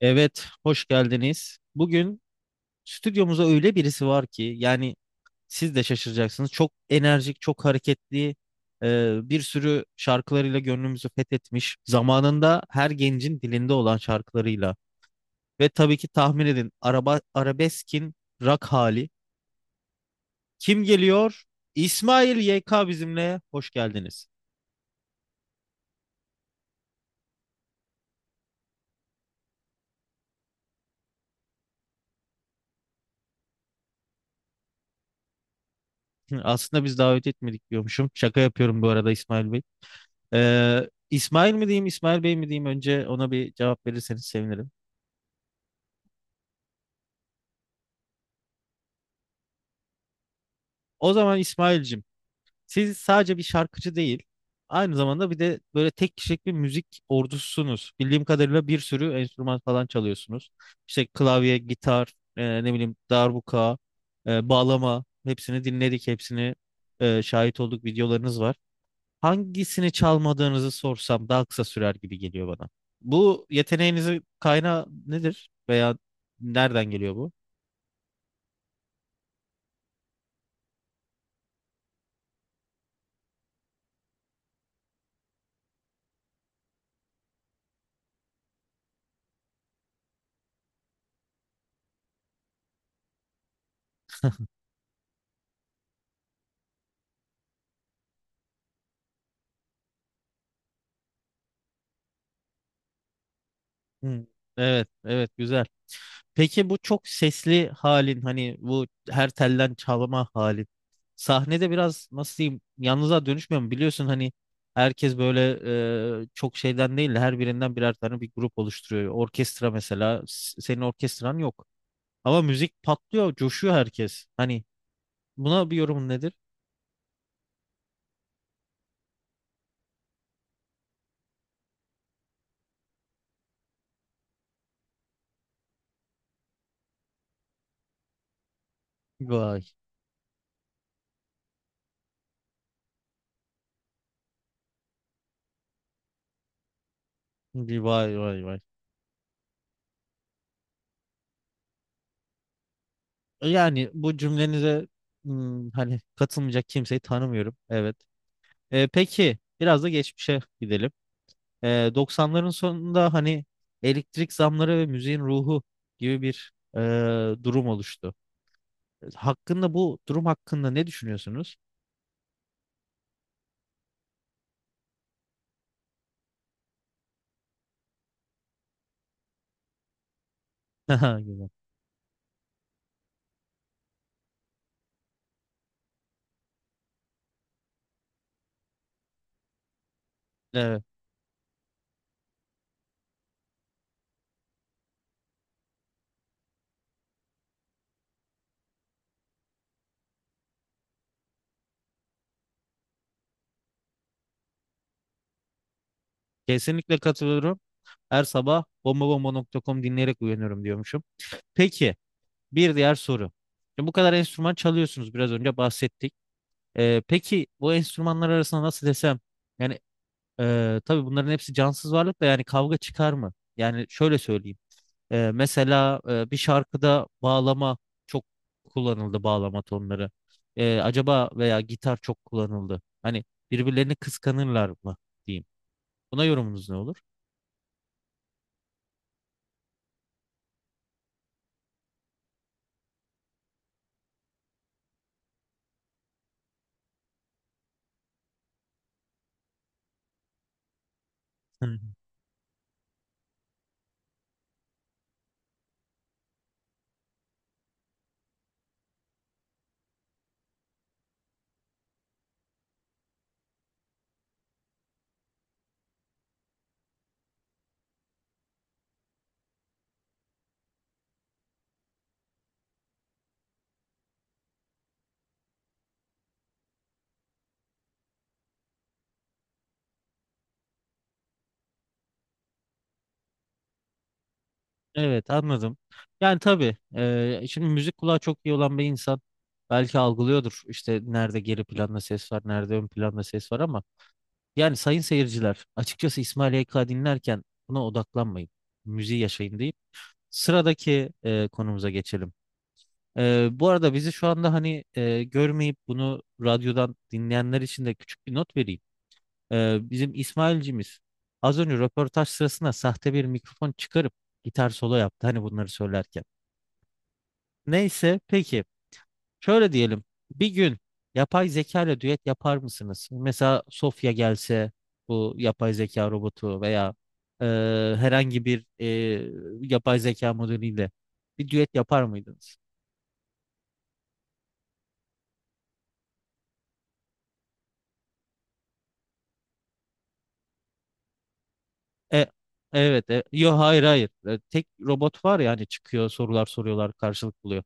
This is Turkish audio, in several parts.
Evet, hoş geldiniz. Bugün stüdyomuza öyle birisi var ki, yani siz de şaşıracaksınız. Çok enerjik, çok hareketli, bir sürü şarkılarıyla gönlümüzü fethetmiş. Zamanında her gencin dilinde olan şarkılarıyla. Ve tabii ki tahmin edin, araba, arabeskin rock hali. Kim geliyor? İsmail YK bizimle. Hoş geldiniz. Aslında biz davet etmedik diyormuşum. Şaka yapıyorum bu arada, İsmail Bey. İsmail mi diyeyim, İsmail Bey mi diyeyim, önce ona bir cevap verirseniz sevinirim. O zaman İsmail'cim, siz sadece bir şarkıcı değil, aynı zamanda bir de böyle tek kişilik bir müzik ordususunuz. Bildiğim kadarıyla bir sürü enstrüman falan çalıyorsunuz. İşte klavye, gitar, ne bileyim darbuka, bağlama, hepsini dinledik, hepsini şahit olduk, videolarınız var. Hangisini çalmadığınızı sorsam daha kısa sürer gibi geliyor bana. Bu yeteneğinizin kaynağı nedir? Veya nereden geliyor bu? Hmm. Evet, evet, güzel. Peki bu çok sesli halin, hani bu her telden çalma halin, sahnede biraz nasıl diyeyim, yalnızlığa dönüşmüyor mu? Biliyorsun hani, herkes böyle, çok şeyden değil de her birinden birer tane bir grup oluşturuyor. Orkestra mesela, senin orkestran yok ama müzik patlıyor, coşuyor herkes. Hani buna bir yorumun nedir? Vay, vay vay vay. Yani bu cümlenize, hmm, hani katılmayacak kimseyi tanımıyorum. Evet. E, peki biraz da geçmişe gidelim. E, 90'ların sonunda hani elektrik zamları ve müziğin ruhu gibi bir durum oluştu. Hakkında, bu durum hakkında ne düşünüyorsunuz? Güzel. Evet, kesinlikle katılıyorum. Her sabah bombabomba.com dinleyerek uyanıyorum diyormuşum. Peki, bir diğer soru. Şimdi bu kadar enstrüman çalıyorsunuz, biraz önce bahsettik. Peki bu enstrümanlar arasında nasıl desem, yani tabii bunların hepsi cansız varlık da, yani kavga çıkar mı? Yani şöyle söyleyeyim. Mesela bir şarkıda bağlama çok kullanıldı, bağlama tonları. Acaba veya gitar çok kullanıldı. Hani birbirlerini kıskanırlar mı diyeyim. Buna yorumunuz ne olur? Hı hı. Evet, anladım. Yani tabii, şimdi müzik kulağı çok iyi olan bir insan belki algılıyordur, işte nerede geri planda ses var, nerede ön planda ses var, ama yani sayın seyirciler, açıkçası İsmail YK dinlerken buna odaklanmayın. Müziği yaşayın deyip sıradaki konumuza geçelim. E, bu arada bizi şu anda hani görmeyip bunu radyodan dinleyenler için de küçük bir not vereyim. E, bizim İsmail'cimiz az önce röportaj sırasında sahte bir mikrofon çıkarıp gitar solo yaptı, hani bunları söylerken. Neyse, peki, şöyle diyelim. Bir gün yapay zeka ile düet yapar mısınız? Mesela Sofya gelse, bu yapay zeka robotu veya e, herhangi bir yapay zeka modeliyle bir düet yapar mıydınız? E, evet. E, yo, hayır, hayır. E, tek robot var ya, hani çıkıyor, sorular soruyorlar, karşılık buluyor.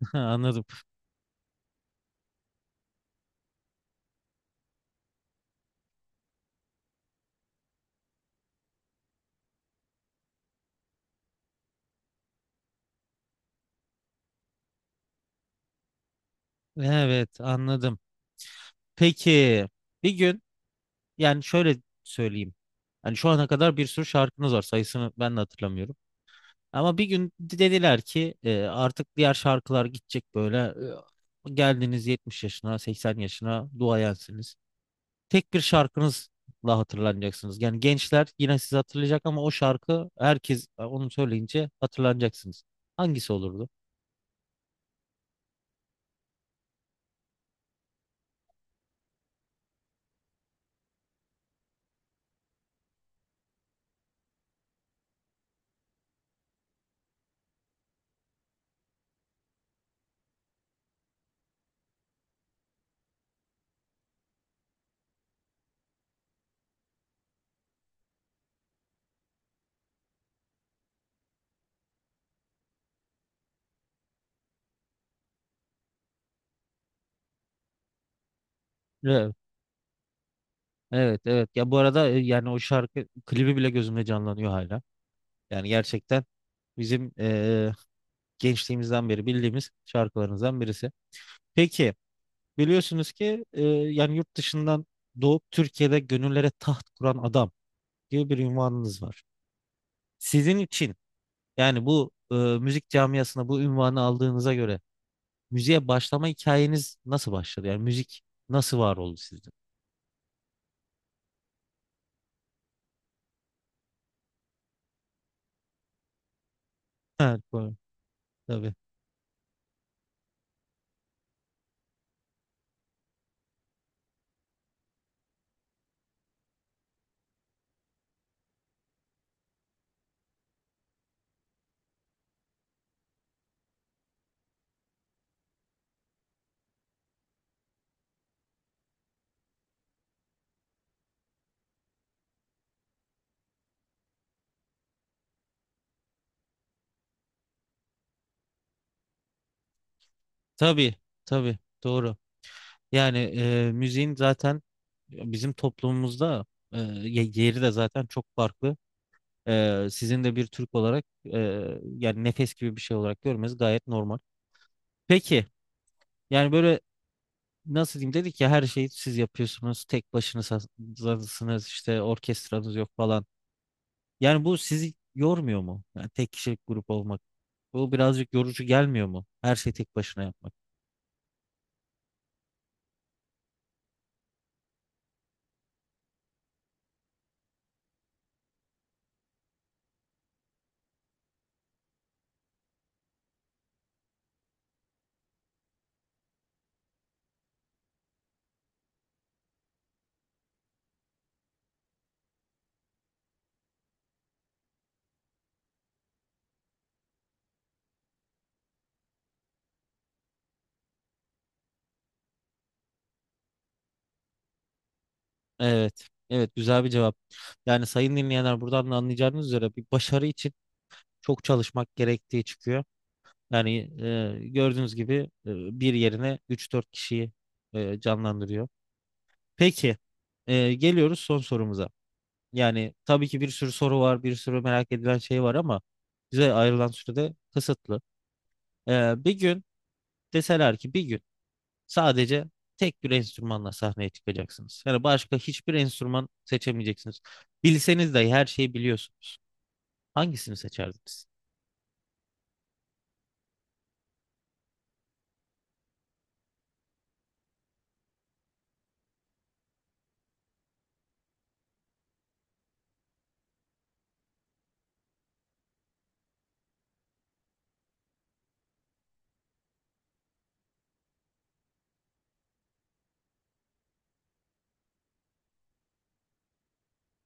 Anladım. Evet, anladım. Peki, bir gün, yani şöyle söyleyeyim. Yani şu ana kadar bir sürü şarkınız var. Sayısını ben de hatırlamıyorum. Ama bir gün dediler ki, artık diğer şarkılar gidecek böyle. E, geldiniz 70 yaşına, 80 yaşına, duayensiniz. Tek bir şarkınızla hatırlanacaksınız. Yani gençler yine sizi hatırlayacak ama o şarkı, herkes onu söyleyince hatırlanacaksınız. Hangisi olurdu? Evet, evet, evet. Ya bu arada yani o şarkı klibi bile gözümde canlanıyor hala. Yani gerçekten bizim gençliğimizden beri bildiğimiz şarkılarımızdan birisi. Peki, biliyorsunuz ki yani yurt dışından doğup Türkiye'de gönüllere taht kuran adam gibi bir ünvanınız var. Sizin için, yani bu müzik camiasına bu ünvanı aldığınıza göre, müziğe başlama hikayeniz nasıl başladı? Yani müzik nasıl var oldu sizde? Evet, doğru. Tabii. Tabii, tabii. Doğru. Yani müziğin zaten bizim toplumumuzda yeri de zaten çok farklı. E, sizin de bir Türk olarak, e, yani nefes gibi bir şey olarak görmeniz gayet normal. Peki, yani böyle, nasıl diyeyim, dedik ya her şeyi siz yapıyorsunuz. Tek başınızsınız işte, orkestranız yok falan. Yani bu sizi yormuyor mu? Yani tek kişilik grup olmak. Bu birazcık yorucu gelmiyor mu? Her şeyi tek başına yapmak. Evet. Evet, güzel bir cevap. Yani sayın dinleyenler, buradan da anlayacağınız üzere bir başarı için çok çalışmak gerektiği çıkıyor. Yani gördüğünüz gibi bir yerine üç dört kişiyi canlandırıyor. Peki, geliyoruz son sorumuza. Yani tabii ki bir sürü soru var, bir sürü merak edilen şey var ama bize ayrılan sürede kısıtlı. Bir gün deseler ki, bir gün sadece tek bir enstrümanla sahneye çıkacaksınız. Yani başka hiçbir enstrüman seçemeyeceksiniz. Bilseniz de, her şeyi biliyorsunuz. Hangisini seçerdiniz?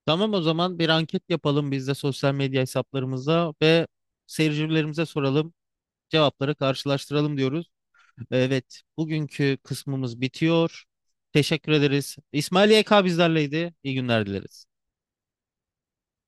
Tamam, o zaman bir anket yapalım biz de, sosyal medya hesaplarımıza ve seyircilerimize soralım. Cevapları karşılaştıralım diyoruz. Evet, bugünkü kısmımız bitiyor. Teşekkür ederiz. İsmail YK bizlerleydi. İyi günler dileriz.